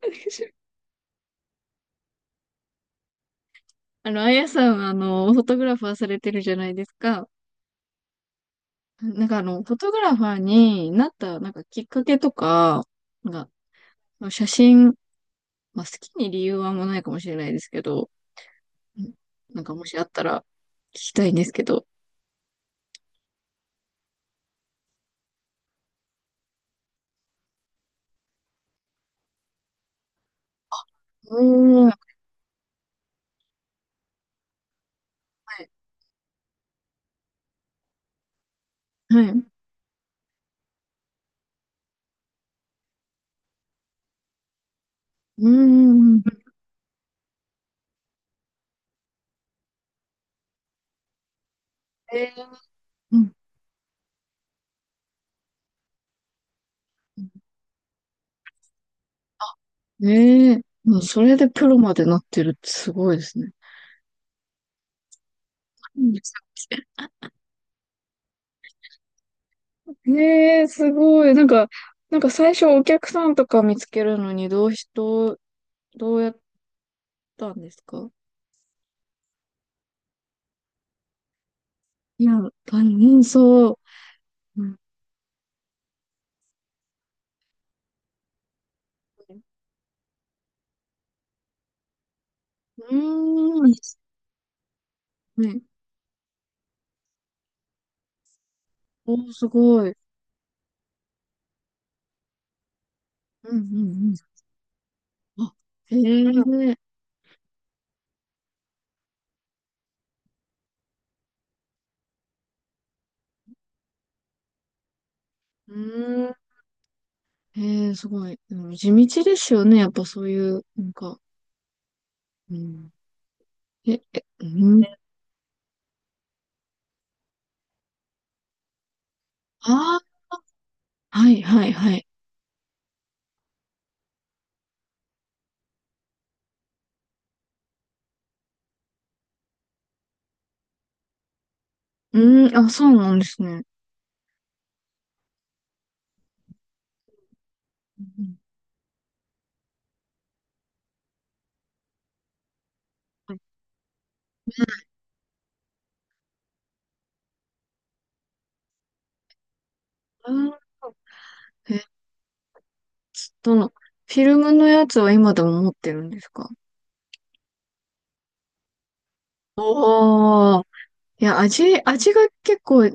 あやさんは、フォトグラファーされてるじゃないですか。フォトグラファーになった、きっかけとか、なん写真、まあ、好きに理由はあんまないかもしれないですけど、なんか、もしあったら、聞きたいんですけど。おー、はい。はい。うーん。えー、うん。えー、もうそれでプロまでなってるってすごいですね。うん。ねえ、すごい。なんか最初お客さんとか見つけるのにどうし、どう、どうやったんですか？いや、あの、そう。うん。うーん。ね。お、すごい。うんうんうん。あ、へえ。うん。へえ、すごい。でも地道ですよね。やっぱそういう、なんか。うん。え、え、うん。ああ、はいはいはい。うん。あ、そうなんですね。うんうん。はい。あー、どの、フィルムのやつは今でも持ってるんですか？おー。いや、味が結構、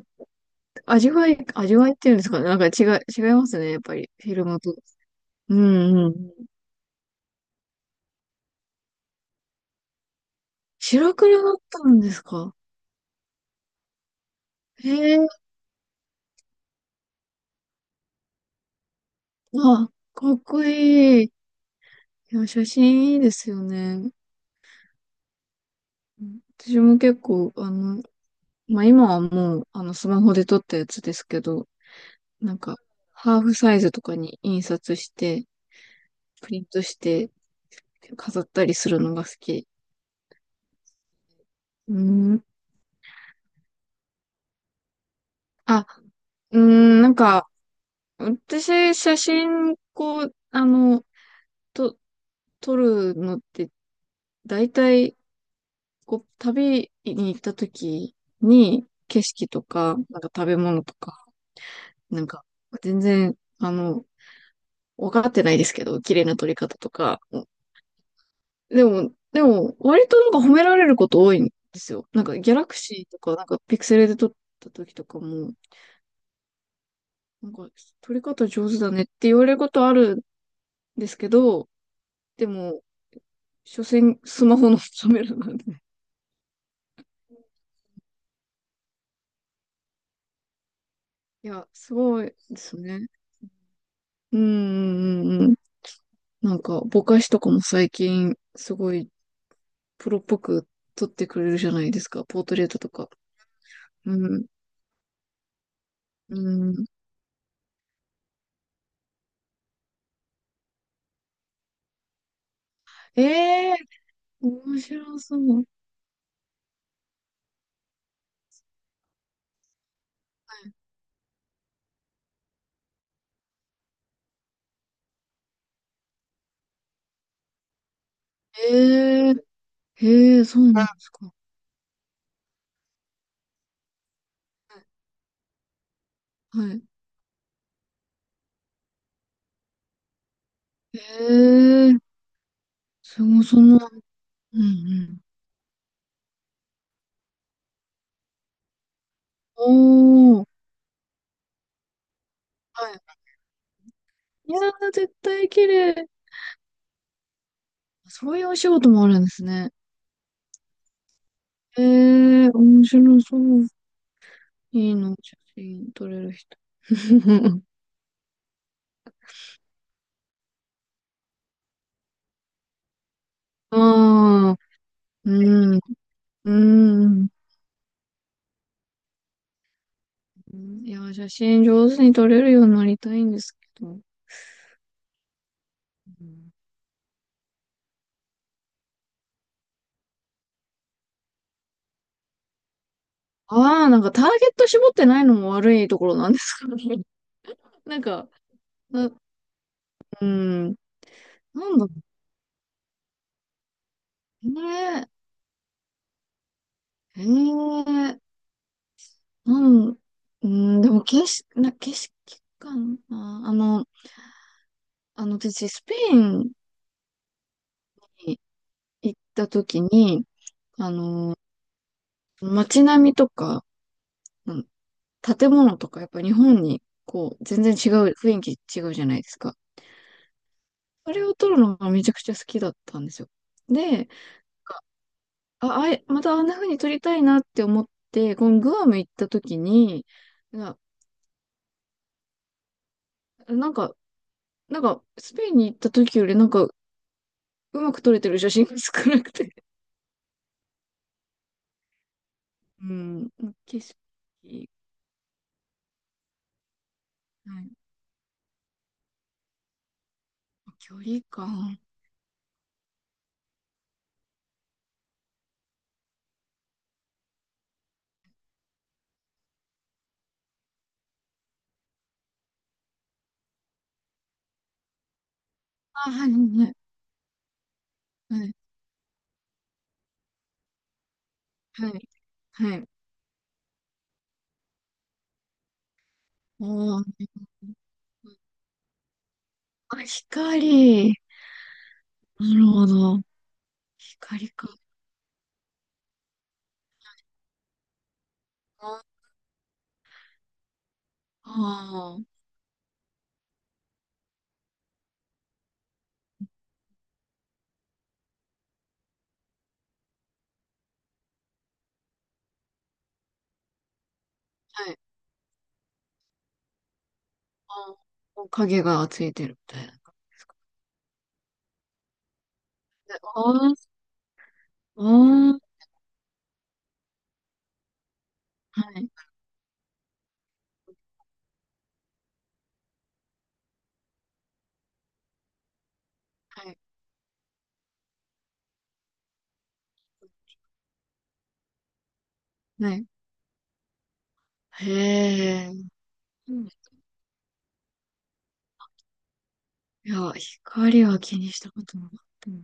味わいっていうんですかね。なんか違いますね。やっぱり、フィルムと。うんうん。白黒だったんですか？へえ、あ、かっこいい。いや、写真いいですよね。うん、私も結構、まあ、今はもう、スマホで撮ったやつですけど、なんか、ハーフサイズとかに印刷して、プリントして、飾ったりするのが好き。うーん。あ、うーん、なんか、私、写真、こう、と、撮るのって、大体、こう、旅に行った時に、景色とか、なんか食べ物とか、なんか、全然、あの、分かってないですけど、綺麗な撮り方とか。でも、でも、割となんか褒められること多いんですよ。なんか、ギャラクシーとか、なんか、ピクセルで撮った時とかも、なんか、取り方上手だねって言われることあるんですけど、でも、所詮スマホのカメラなんで。いや、すごいですね。うん、うん、うん。なんか、ぼかしとかも最近、すごいプロっぽく撮ってくれるじゃないですか、ポートレートとか。うん、うん。ええー、面白そう。ええー、ええー、そうなんですか。はい。ええー、そもそも、うん、うん。おー、はい。いやー、絶対綺麗。そういうお仕事もあるんですね。えー、面白そう。いいの、写真撮れる人。ああ、うん、うん。いや、写真上手に撮れるようになりたいんですけど。ああー、なんかターゲット絞ってないのも悪いところなんです。なんか、な、うん、なんだろうね。ええなん、うん、でも景色かな。あの、あの、私、スペインに行った時に、あの、街並みとか、うん、建物とか、やっぱ日本に、こう、全然違う、雰囲気違うじゃないですか。あれを撮るのがめちゃくちゃ好きだったんですよ。で、あ、あい、またあんな風に撮りたいなって思って、このグアム行った時に、な、なんか、なんか、スペインに行った時よりなんか、うまく撮れてる写真が少なくて、うん、景色、はい、距離感。あ、はい、はい、はい、はい。はい。おー、あ、光。なるほど。光か。ああー、はい。あー、影がついてるみたいな感じですかね。あー、あー、はい、はい、はい。へえ。うん、いや、光は気にしたことなかったな。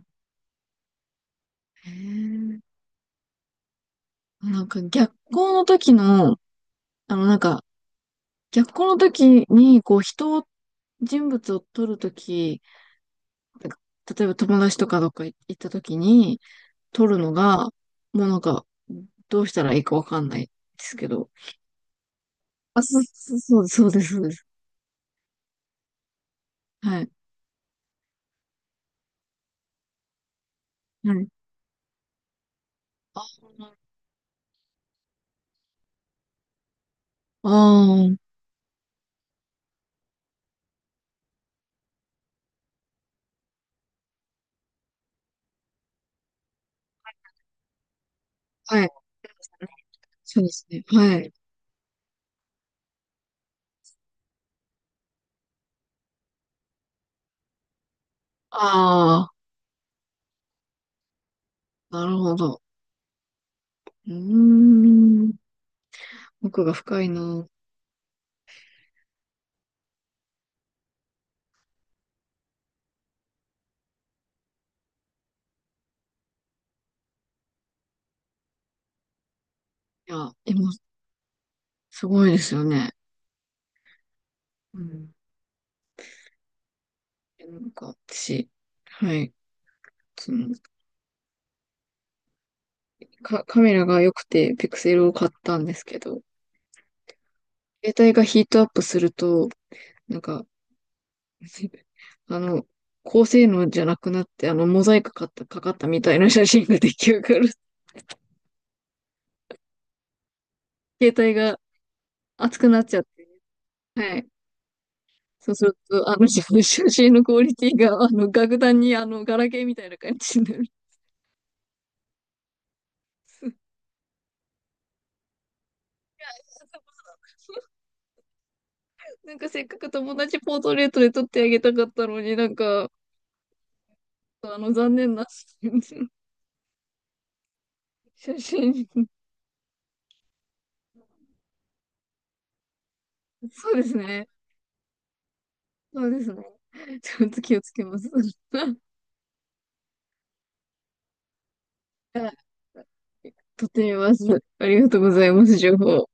へえ。なんか逆光の時の、あの、なんか、逆光の時に、こう、人を、人物を撮るとき、例えば友達とかどっか行ったときに、撮るのが、もうなんか、どうしたらいいかわかんないですけど。あ、そう、そう、そうです、そうです。はい。はい。ああ、はい。そうですね。はい。ああ、なるほど。うーん。奥が深いな。いや、今、すごいですよね。うん。なんか、私、はい。そのカメラが良くて、ピクセルを買ったんですけど、携帯がヒートアップすると、なんか、あの、高性能じゃなくなって、あの、モザイクかかった、かかったみたいな写真が出来上がる。携帯が熱くなっちゃって、はい。そうすると、あの、写真のクオリティが、あの、格段に、あの、ガラケーみたいな感じになる。なんかせっかく友達ポートレートで撮ってあげたかったのになんか、あの、残念な 写真。そうですね。そうですね。ちょっと気をつけます。あ、とってみます。ありがとうございます、情報。